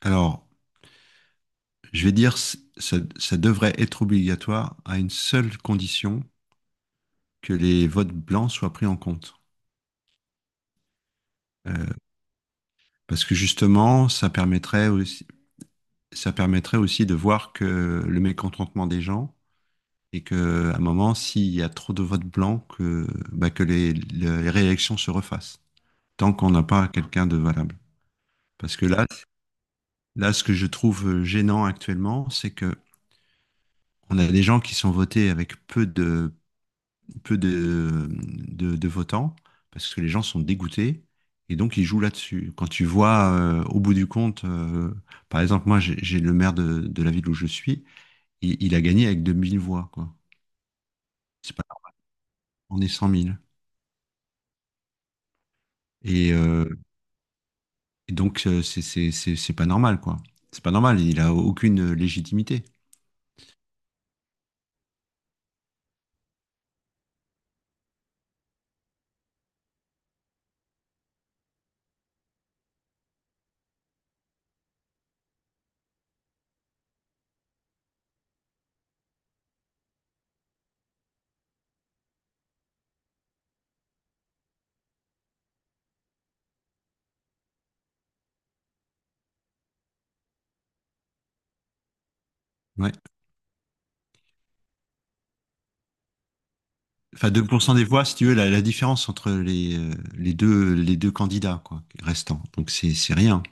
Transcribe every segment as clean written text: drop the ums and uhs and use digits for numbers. Alors, je vais dire, ça devrait être obligatoire à une seule condition, que les votes blancs soient pris en compte. Euh, Parce que justement, ça permettrait aussi de voir que le mécontentement des gens et que, à un moment, s'il y a trop de votes blancs, que, bah, que les réélections se refassent, tant qu'on n'a pas quelqu'un de valable. Parce que là, ce que je trouve gênant actuellement, c'est que on a des gens qui sont votés avec peu de votants parce que les gens sont dégoûtés et donc ils jouent là-dessus. Quand tu vois, au bout du compte, par exemple, moi j'ai le maire de la ville où je suis, il a gagné avec 2 000 voix, quoi. C'est pas, On est 100 000. Et, euh, et donc, c'est pas normal, quoi. C'est pas normal, il a aucune légitimité. Ouais. Enfin, 2% des voix, si tu veux, la différence entre les deux candidats, quoi, restants. Donc c'est rien.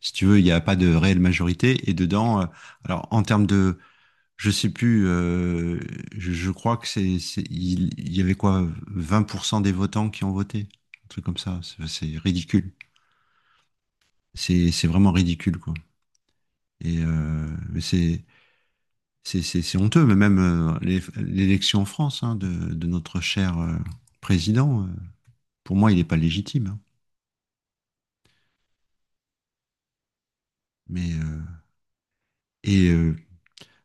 Si tu veux, il n'y a pas de réelle majorité. Et dedans, alors en termes de, je sais plus, je crois que il y avait quoi, 20% des votants qui ont voté, un truc comme ça. C'est ridicule. C'est vraiment ridicule, quoi. Mais c'est honteux. Mais même, l'élection en France, hein, de notre cher, président, pour moi, il n'est pas légitime, hein. Mais euh, et euh,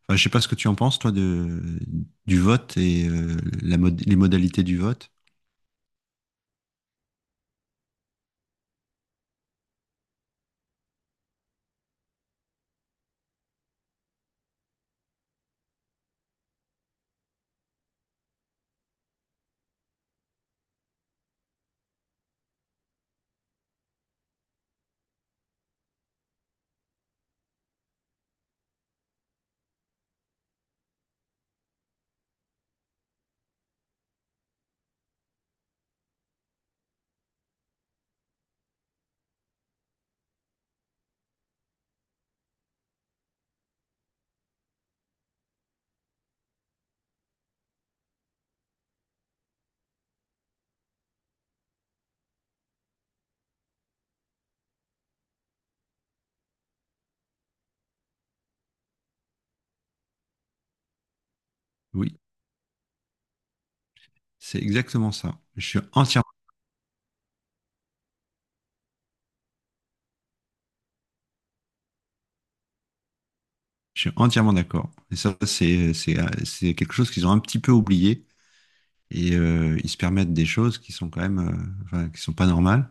Enfin, je sais pas ce que tu en penses, toi, du vote et, les modalités du vote. Oui, c'est exactement ça. Je suis entièrement d'accord. Et ça, c'est quelque chose qu'ils ont un petit peu oublié. Ils se permettent des choses qui sont quand même, enfin, qui sont pas normales.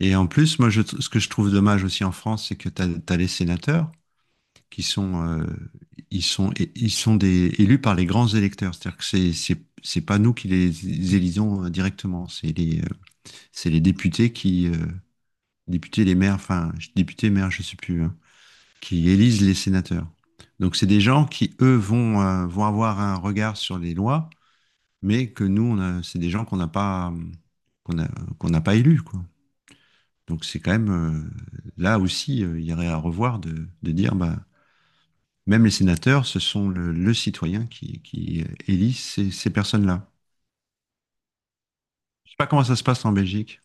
Et en plus, ce que je trouve dommage aussi en France, c'est que tu as, les sénateurs qui sont, ils sont, ils sont des, élus par les grands électeurs. C'est-à-dire que c'est pas nous qui les élisons, directement, c'est les députés qui, députés, les maires, enfin, députés, maires, je sais plus, hein, qui élisent les sénateurs. Donc, c'est des gens qui, eux, vont avoir un regard sur les lois, mais que nous, c'est des gens qu'on a- qu'on n'a pas élus, quoi. Donc, c'est quand même, là aussi, il y aurait à revoir de dire, bah, même les sénateurs, ce sont le citoyen qui élit ces personnes-là. Je ne sais pas comment ça se passe en Belgique.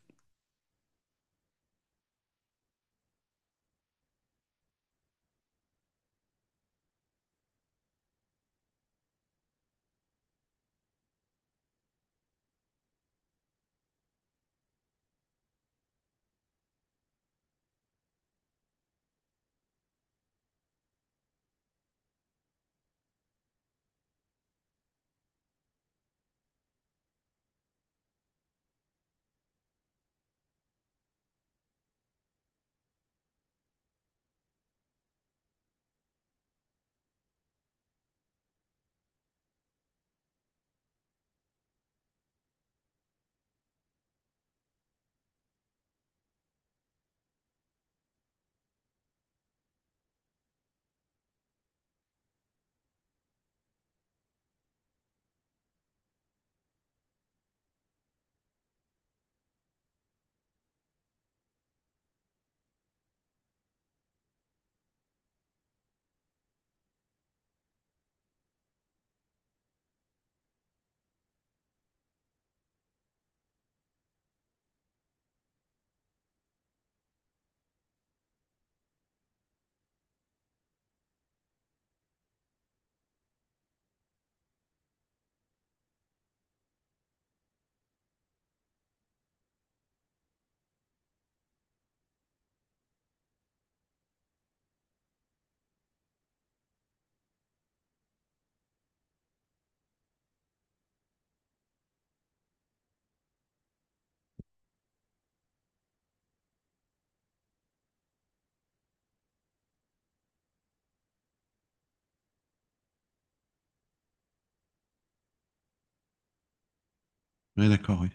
Oui, d'accord, oui.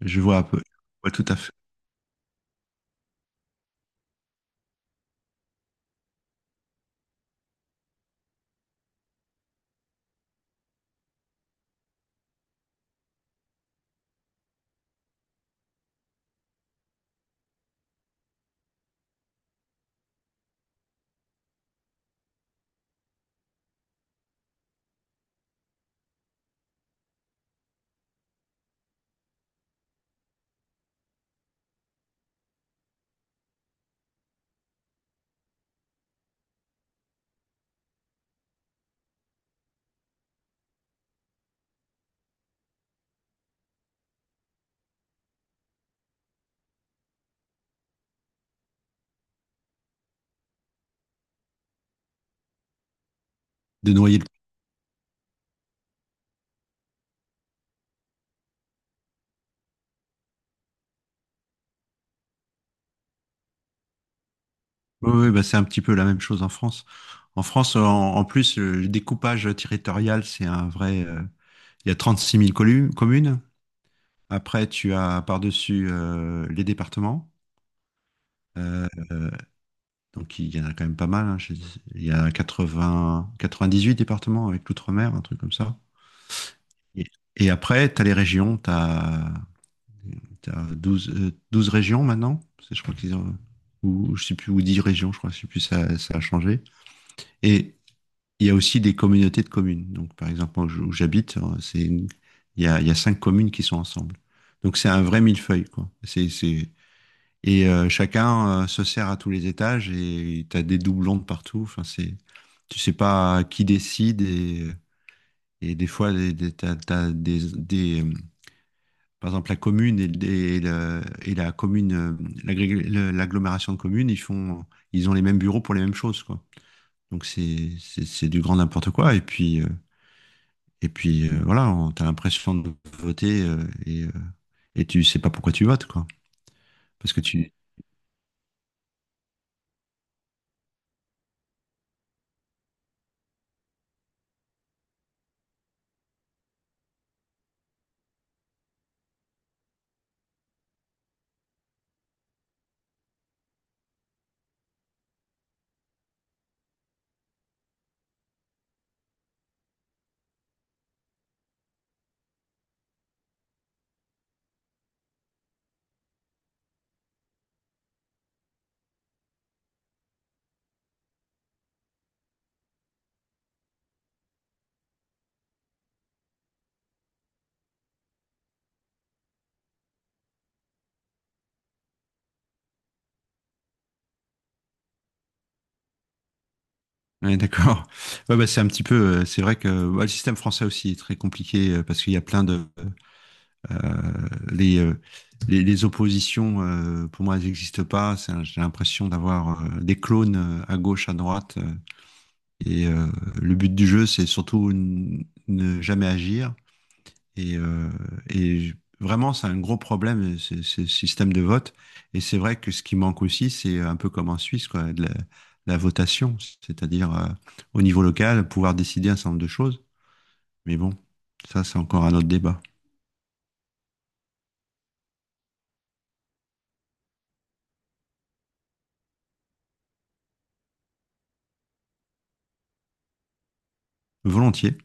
Je vois un peu, je vois tout à fait. De noyer le... Oui, oui, bah, c'est un petit peu la même chose en France. En France, en plus, le découpage territorial, c'est un vrai. Il y a 36 000 communes. Après, tu as par-dessus, les départements. Euh, euh, donc, il y en a quand même pas mal, hein. Il y a quatre-vingt dix 98 départements avec l'outre-mer, un truc comme ça. Et, et après, tu as les régions. Tu as, 12 12 régions maintenant. Parce que je crois qu'ils ont... Ou je sais plus, ou 10 régions, je crois, je sais plus, ça a changé. Et, il y a aussi des communautés de communes. Donc, par exemple, moi, où j'habite, il y a cinq communes qui sont ensemble. Donc, c'est un vrai millefeuille, quoi. C'est... Chacun, se sert à tous les étages et tu as des doublons de partout. Enfin, c'est... Tu sais pas qui décide et des fois, t'as par exemple, la commune et la commune, l'agglomération de communes, ils ont les mêmes bureaux pour les mêmes choses, quoi. Donc, c'est du grand n'importe quoi. Et puis, voilà, t'as l'impression de voter, et tu sais pas pourquoi tu votes, quoi. Parce que tu... Ouais, d'accord. Ouais, bah, c'est un petit peu... C'est vrai que, ouais, le système français aussi est très compliqué, parce qu'il y a plein de... euh, les, euh, les oppositions, pour moi, elles n'existent pas. J'ai l'impression d'avoir, des clones, à gauche, à droite. Et euh, le but du jeu, c'est surtout ne jamais agir. Et, euh, et j- Vraiment, c'est un gros problème, ce système de vote. Et c'est vrai que ce qui manque aussi, c'est un peu comme en Suisse, quoi, de la votation, c'est-à-dire, au niveau local, pouvoir décider un certain nombre de choses. Mais bon, ça, c'est encore un autre débat. Volontiers.